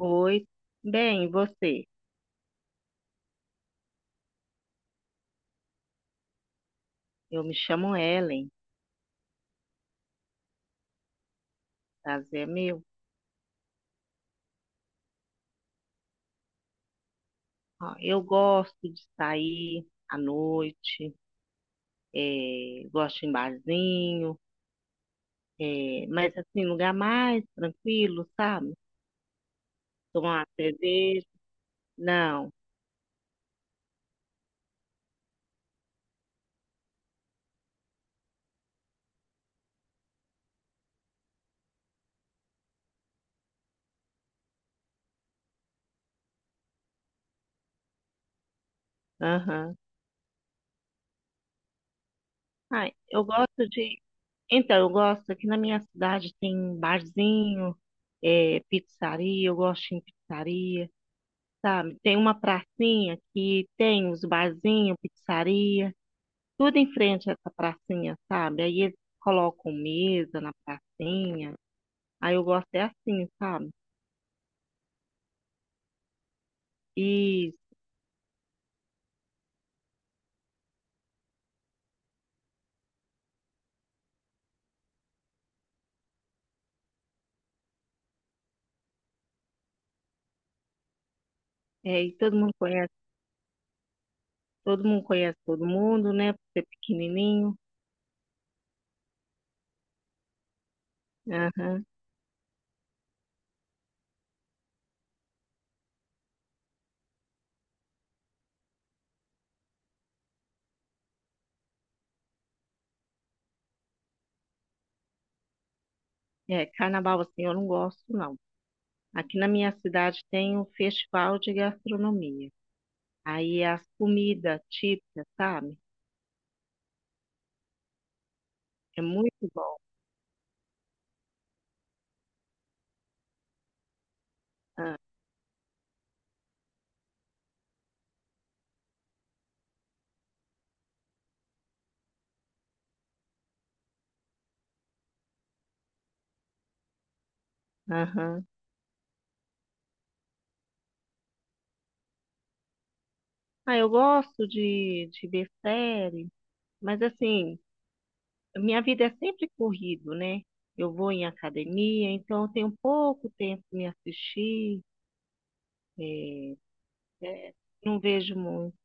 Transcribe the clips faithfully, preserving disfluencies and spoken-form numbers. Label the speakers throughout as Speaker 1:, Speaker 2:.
Speaker 1: Oi, bem, e você? Eu me chamo Ellen, prazer é meu. Ó, eu gosto de sair à noite, eh, gosto de ir em barzinho, eh, mas assim, lugar mais tranquilo, sabe? Tomar uma cerveja, não. Aham. Ai, eu gosto de. Então, eu gosto, aqui na minha cidade tem barzinho, eh, pizzaria, eu gosto de ir em pizzaria, sabe? Tem uma pracinha que tem os barzinhos, pizzaria, tudo em frente a essa pracinha, sabe? Aí eles colocam mesa na pracinha. Aí eu gosto é assim, sabe? E, é, e todo mundo conhece, todo mundo conhece todo mundo, né? Por ser pequenininho. Aham. É, carnaval assim eu não gosto, não. Aqui na minha cidade tem um festival de gastronomia. Aí as comidas típicas, sabe? É muito bom. Ah, aham. Ah, eu gosto de, de ver série, mas assim, minha vida é sempre corrido, né? Eu vou em academia, então eu tenho pouco tempo para me assistir. É, é, não vejo muito,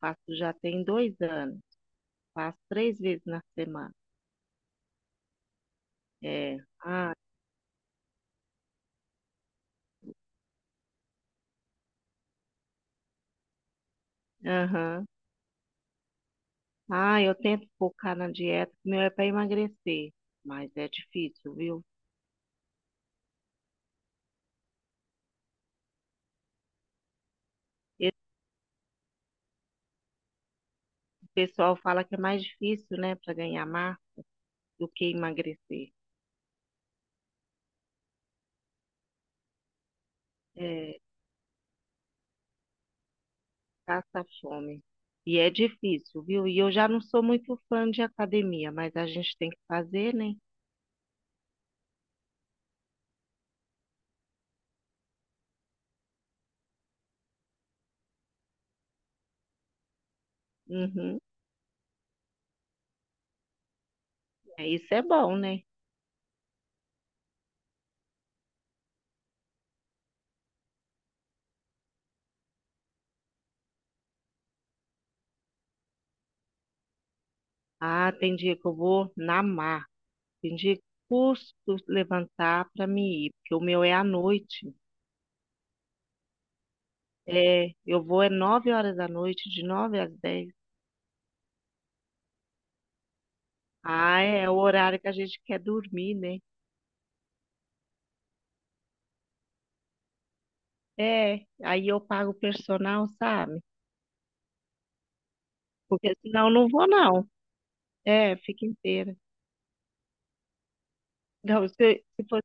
Speaker 1: faço já tem dois anos, faço três vezes na semana. É, ah, aham. Ah, eu tento focar na dieta, que meu é para emagrecer, mas é difícil, viu? Esse pessoal fala que é mais difícil, né, para ganhar massa do que emagrecer. É. Passa fome. E é difícil, viu? E eu já não sou muito fã de academia, mas a gente tem que fazer, né? Uhum. É, isso é bom, né? Ah, tem dia que eu vou na mar, tem dia que custo levantar para me ir, porque o meu é à noite. É, eu vou é nove horas da noite, de nove às dez. Ah, é o horário que a gente quer dormir, né? É, aí eu pago o personal, sabe? Porque senão eu não vou, não. É, fica inteira. Não, se, se fosse.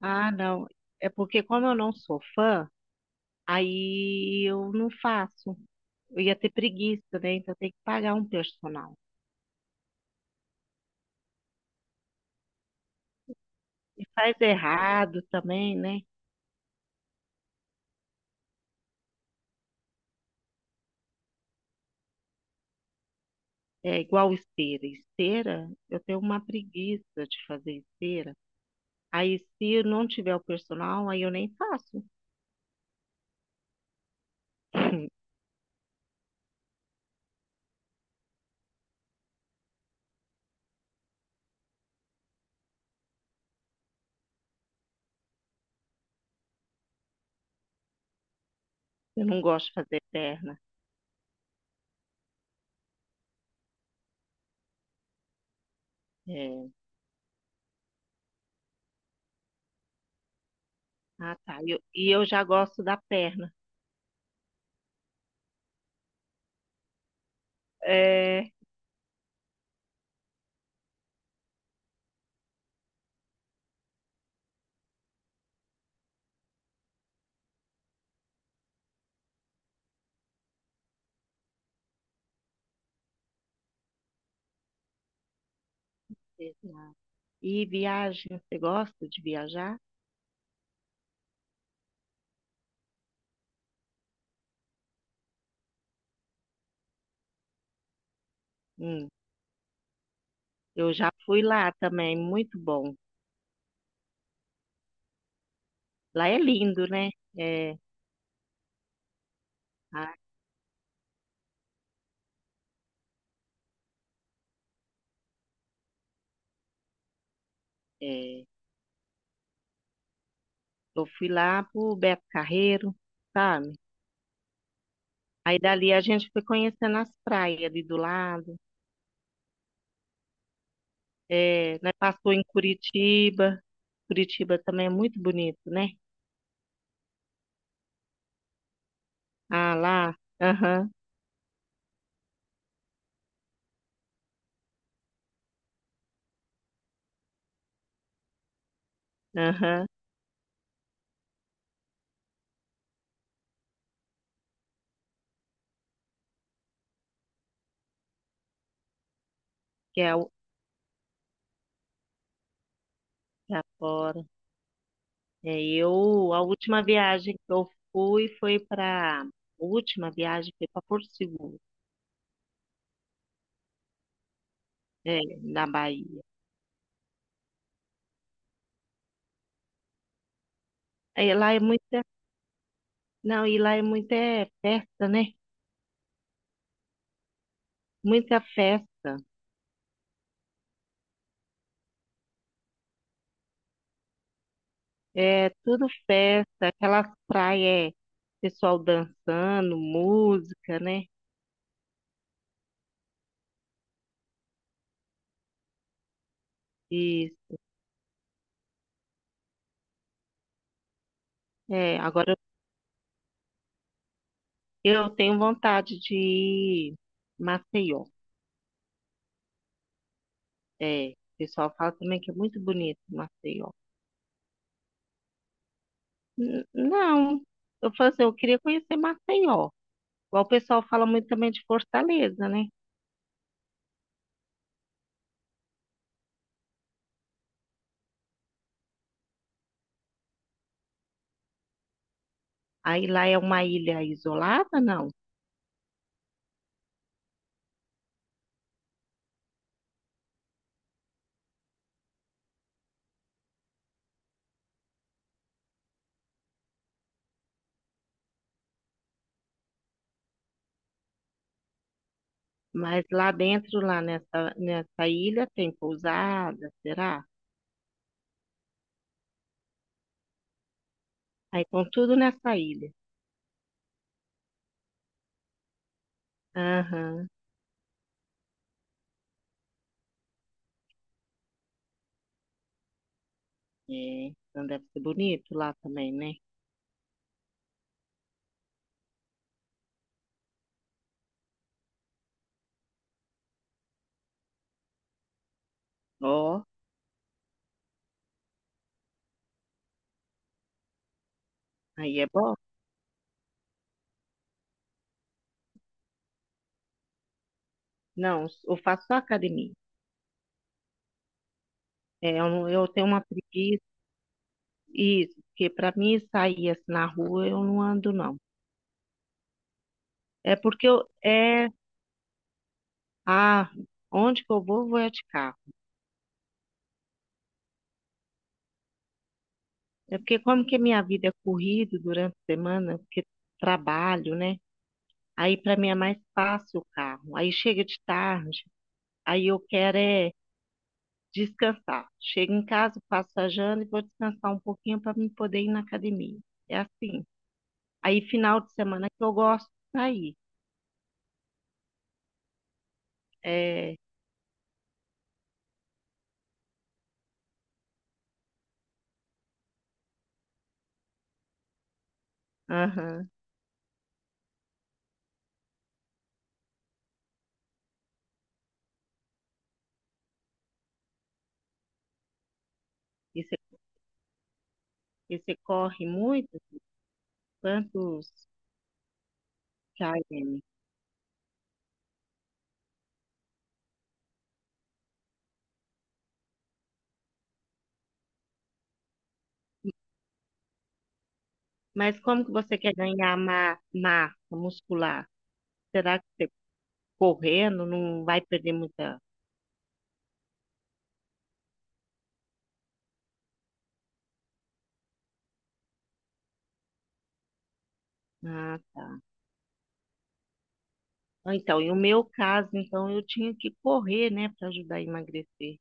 Speaker 1: Ah, não. É porque como eu não sou fã, aí eu não faço. Eu ia ter preguiça, né? Então tem que pagar um personal. E faz errado também, né? É igual esteira. Esteira, eu tenho uma preguiça de fazer esteira. Aí se eu não tiver o personal, aí eu nem faço. Eu não gosto de fazer perna. É. Ah, tá. E eu, e eu já gosto da perna. É. Exato. E viagem, você gosta de viajar? Hum. Eu já fui lá também, muito bom. Lá é lindo, né? É, a- é, eu fui lá pro Beto Carreiro, sabe? Aí dali a gente foi conhecendo as praias ali do lado. É, né, passou em Curitiba. Curitiba também é muito bonito, né? Ah, lá, aham, aham, que é, o- que é fora. É, eu, a última viagem que eu fui foi para, a última viagem foi para Porto Seguro, é, na Bahia. É, lá é muito. Não, e lá é muita, é, festa, né? Muita festa. É tudo festa, aquelas praias, pessoal dançando, música, né? E é, agora eu tenho vontade de ir em Maceió. É, o pessoal fala também que é muito bonito Maceió. N- não, eu falo assim, eu queria conhecer Maceió. Igual o pessoal fala muito também de Fortaleza, né? Aí lá é uma ilha isolada, não? Mas lá dentro, lá nessa, nessa ilha, tem pousada, será? Aí com tudo nessa ilha. Aham, é. Então deve ser bonito lá também, né? Ó, aí é bom. Não, eu faço só academia. É, eu, não- eu tenho uma preguiça, isso, porque para mim sair assim na rua, eu não ando, não. É porque eu, é, ah, onde que eu vou, vou é de carro. É porque como que a minha vida é corrida durante a semana, porque trabalho, né? Aí para mim é mais fácil o carro. Aí chega de tarde, aí eu quero é descansar. Chego em casa, faço a janta e vou descansar um pouquinho para me poder ir na academia. É assim. Aí final de semana que eu gosto de sair. É, aham. E você e você corre muito? Quantos quilômetros? Mas como que você quer ganhar ma- massa muscular? Será que você correndo não vai perder muita? Ah, ah, então, e o meu caso, então, eu tinha que correr, né, para ajudar a emagrecer.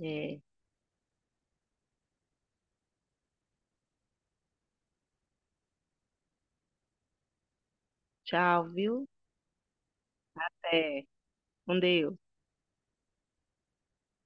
Speaker 1: É, tchau, viu? É, com Deus.